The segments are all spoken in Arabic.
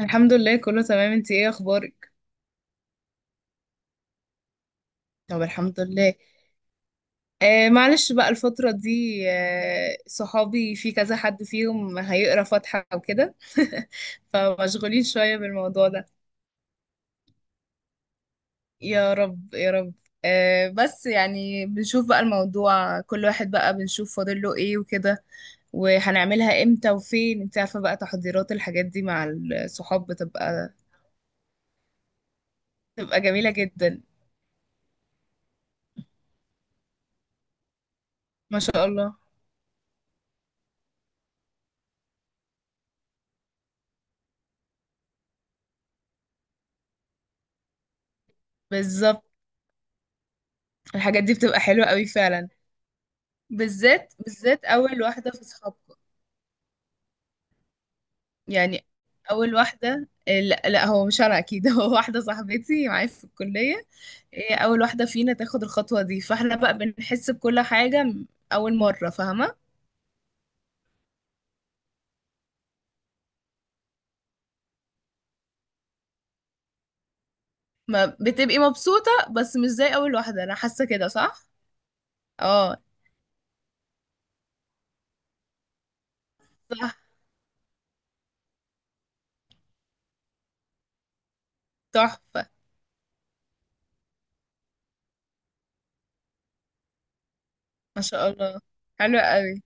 الحمد لله، كله تمام. انتي ايه اخبارك؟ طب، الحمد لله. آه، معلش بقى الفترة دي. آه، صحابي في كذا حد فيهم هيقرا فاتحة وكده. فمشغولين شوية بالموضوع ده. يا رب يا رب. آه، بس يعني بنشوف بقى الموضوع، كل واحد بقى بنشوف فاضل له ايه وكده. وهنعملها امتى وفين، انت عارفة بقى، تحضيرات الحاجات دي مع الصحاب بتبقى. بتبقى جميلة جدا. ما شاء الله. بالظبط. الحاجات دي بتبقى حلوة قوي فعلا. بالذات، بالذات اول واحده في صحابكم. يعني اول واحده. لا لا، هو مش انا اكيد. هو واحده صاحبتي معايا في الكليه. هي اول واحده فينا تاخد الخطوه دي، فاحنا بقى بنحس بكل حاجه اول مره فاهمه. ما بتبقي مبسوطه بس مش زي اول واحده، انا حاسه كده، صح؟ اه، صح. تحفه. ما شاء الله، حلوه قوي.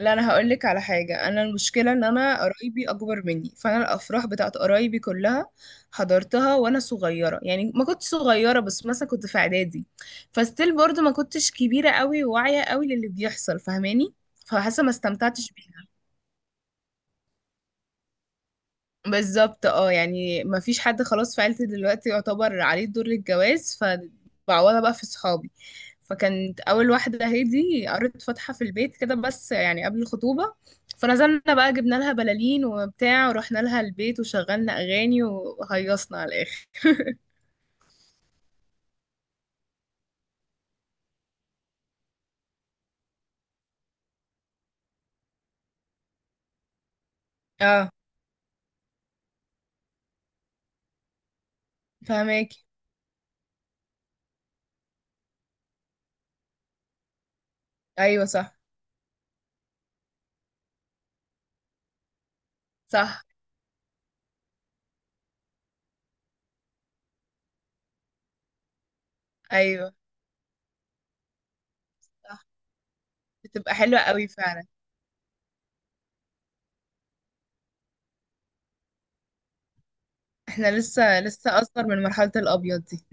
لا، انا هقول لك على حاجه. انا المشكله ان انا قرايبي اكبر مني، فانا الافراح بتاعت قرايبي كلها حضرتها وانا صغيره، يعني ما كنت صغيره بس مثلا كنت في اعدادي. فستيل برضو ما كنتش كبيره قوي وواعيه قوي للي بيحصل، فاهماني؟ فحاسه ما استمتعتش بيها. بالظبط، اه، يعني ما فيش حد خلاص في عيلتي دلوقتي يعتبر عليه دور الجواز، فبعوضها بقى في صحابي. فكانت اول واحده هادي قريت فاتحه في البيت كده، بس يعني قبل الخطوبه. فنزلنا بقى جبنا لها بلالين وبتاع، ورحنا لها البيت، وشغلنا اغاني، وهيصنا على الاخر. اه، فهماكي. ايوه، صح، صح. ايوه، صح. بتبقى حلوه قوي فعلا. احنا لسه لسه اصغر من مرحله الابيض دي.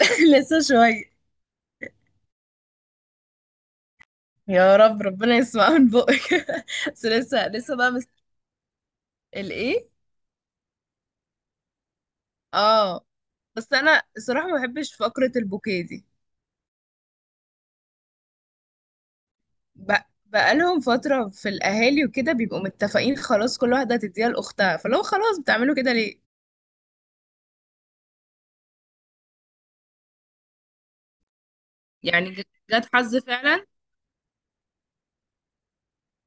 لسه شويه. يا رب، ربنا يسمع من بقك. بس لسه لسه بقى الايه اه، بس انا الصراحه ما بحبش فقره البوكيه دي. ب- بقالهم فتره في الاهالي وكده، بيبقوا متفقين خلاص، كل واحده هتديها لاختها، فلو خلاص بتعملوا كده ليه؟ يعني جت حظ فعلا.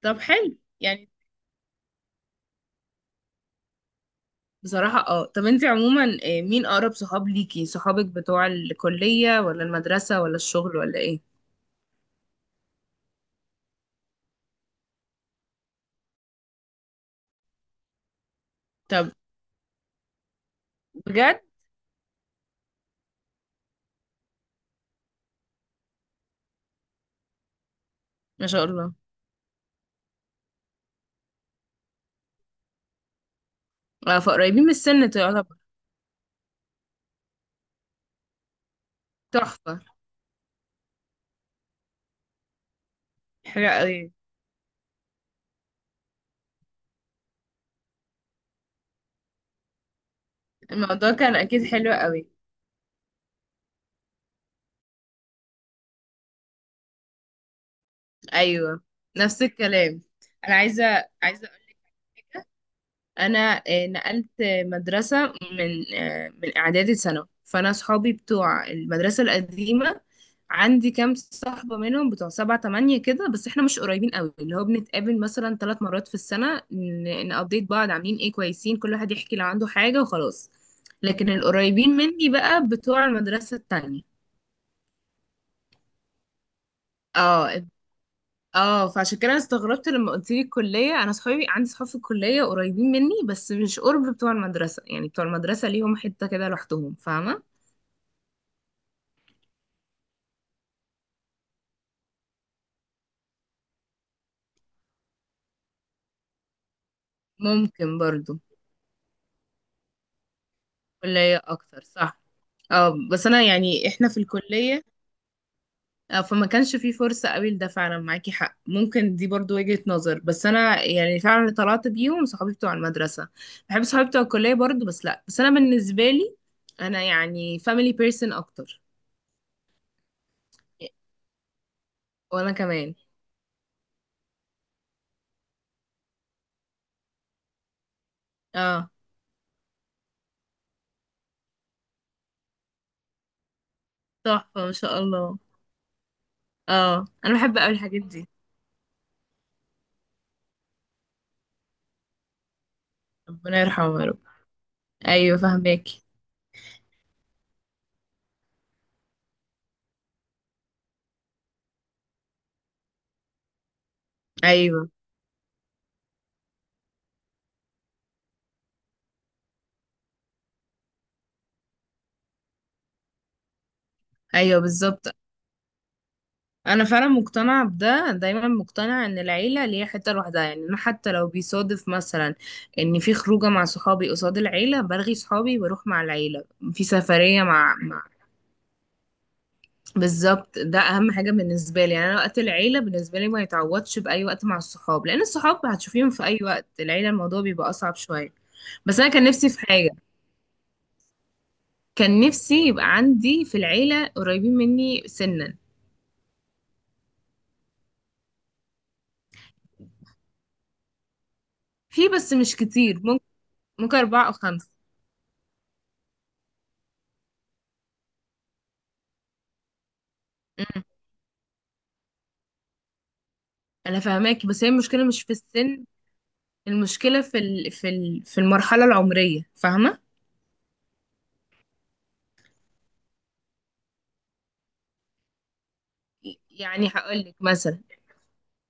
طب، حلو يعني. بصراحه اه. طب انت عموما، مين اقرب صحاب ليكي، صحابك بتوع الكليه ولا المدرسه ولا الشغل ولا ايه؟ طب بجد؟ ما شاء الله. فقريبين من السن تعتبر. تحفه. حلو قوي. الموضوع كان اكيد حلو قوي. ايوه. نفس الكلام. انا عايزه اقول لك. انا نقلت مدرسه من اعدادي ثانوي، فانا صحابي بتوع المدرسه القديمه عندي كام صاحبه منهم، بتوع سبعة تمانية كده، بس احنا مش قريبين قوي، اللي هو بنتقابل مثلا 3 مرات في السنه، نابديت بعض عاملين ايه كويسين، كل واحد يحكي لو عنده حاجه وخلاص. لكن القريبين مني بقى بتوع المدرسه التانية. اه، اه. فعشان كده انا استغربت لما قلت لي الكليه، انا صحابي عندي صحاب في الكليه قريبين مني بس مش قرب بتوع المدرسه، يعني بتوع المدرسه ليهم حته كده لوحدهم، فاهمه؟ ممكن برضو، كليه اكتر، صح. اه، بس انا يعني احنا في الكليه، فما كانش في فرصه قوي لده، فعلا معاكي حق، ممكن دي برضو وجهه نظر، بس انا يعني فعلا اللي طلعت بيهم صحابي بتوع المدرسه. بحب صحابي بتوع الكليه برضو، بس لا، بس انا بالنسبه لي انا يعني family person اكتر. وانا كمان. اه، تحفة، ما شاء الله. اه، انا بحب اوي الحاجات دي. ربنا يرحمه يا رب. ايوه، فاهمك. ايوه. ايوه، بالظبط. انا فعلا مقتنعه بده، دايما مقتنعه ان العيله ليها حته لوحدها، يعني انا حتى لو بيصادف مثلا ان في خروجه مع صحابي قصاد العيله، برغي صحابي واروح مع العيله. في سفريه مع بالظبط ده اهم حاجه بالنسبه لي، يعني انا وقت العيله بالنسبه لي ما يتعوضش باي وقت مع الصحاب، لان الصحاب هتشوفيهم في اي وقت، العيله الموضوع بيبقى اصعب شويه. بس انا كان نفسي في حاجه. كان نفسي يبقى عندي في العيلة قريبين مني سنا. في، بس مش كتير، ممكن. ممكن أربعة أو خمسة. أمم، أنا فاهماكي، بس هي المشكلة مش في السن. المشكلة في المرحلة العمرية، فاهمة؟ يعني هقولك مثلا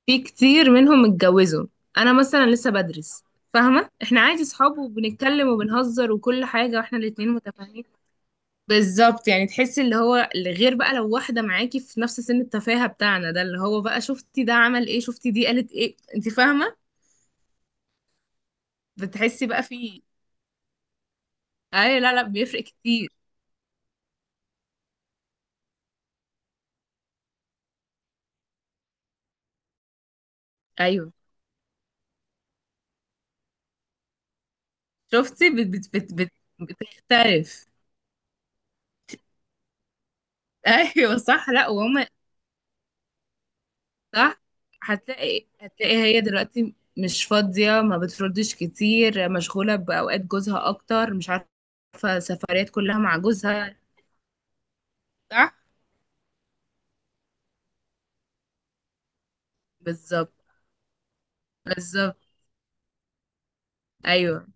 في كتير منهم اتجوزوا. أنا مثلا لسه بدرس. فاهمة، احنا عادي صحاب وبنتكلم وبنهزر وكل حاجة، واحنا الاتنين متفاهمين. بالظبط، يعني تحسي اللي هو اللي غير بقى، لو واحدة معاكي في نفس سن التفاهة بتاعنا ده، اللي هو بقى شفتي ده عمل ايه، شفتي دي قالت ايه، انت فاهمة؟ بتحسي بقى في اي، لا لا، بيفرق كتير. ايوه شفتي بت بت بت بت بتختلف. ايوه صح، لا وهم. صح. هتلاقي، هتلاقي هي دلوقتي مش فاضية، ما بتردش كتير، مشغولة بأوقات جوزها أكتر، مش عارفة، سفريات كلها مع جوزها. صح. بالظبط. بالظبط. ايوه.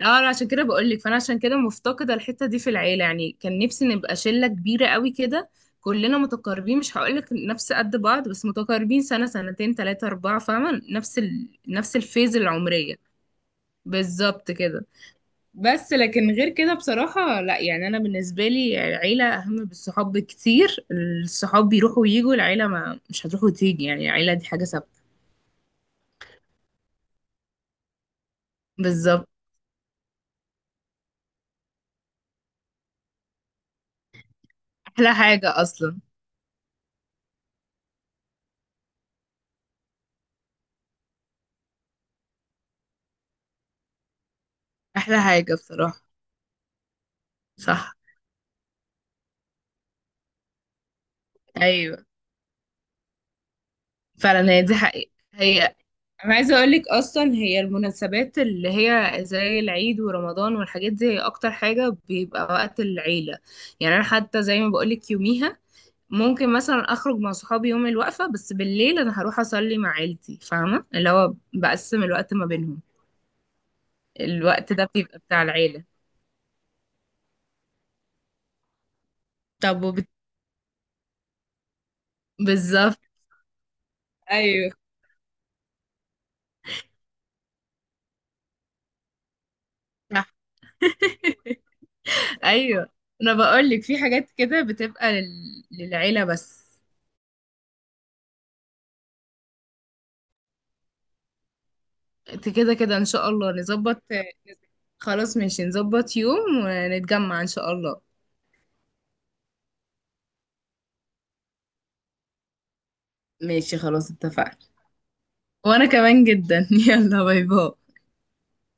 اه، أنا عشان كده بقولك، فانا عشان كده مفتقده الحته دي في العيله، يعني كان نفسي نبقى شله كبيره قوي كده. كلنا متقاربين، مش هقولك نفس قد بعض، بس متقاربين سنه سنتين تلاتة اربعة، فاهمه، نفس الفيز العمريه. بالظبط كده. بس لكن غير كده بصراحه لا، يعني انا بالنسبه لي العيله اهم بالصحاب بكتير. الصحاب بيروحوا ويجوا، العيله ما مش هتروح وتيجي، يعني العيله دي حاجه ثابته. بالظبط. احلى حاجه اصلا. احلى حاجه بصراحه. صح. ايوه، فعلا هي دي حقيقة، هي انا عايزة اقول لك اصلا، هي المناسبات اللي هي زي العيد ورمضان والحاجات دي هي اكتر حاجة بيبقى وقت العيلة. يعني انا حتى زي ما بقول لك، يوميها ممكن مثلا اخرج مع صحابي يوم الوقفة، بس بالليل انا هروح اصلي مع عيلتي، فاهمة، اللي هو بقسم الوقت ما بينهم. الوقت ده بيبقى بتاع العيلة. طب بالظبط ايوه. صح. ايوه. انا بقول لك في حاجات كده بتبقى للعيلة بس. انت كده كده ان شاء الله نظبط. خلاص، ماشي، نظبط يوم ونتجمع ان شاء الله. ماشي خلاص، اتفقنا. وانا كمان جدا. يلا، باي باي.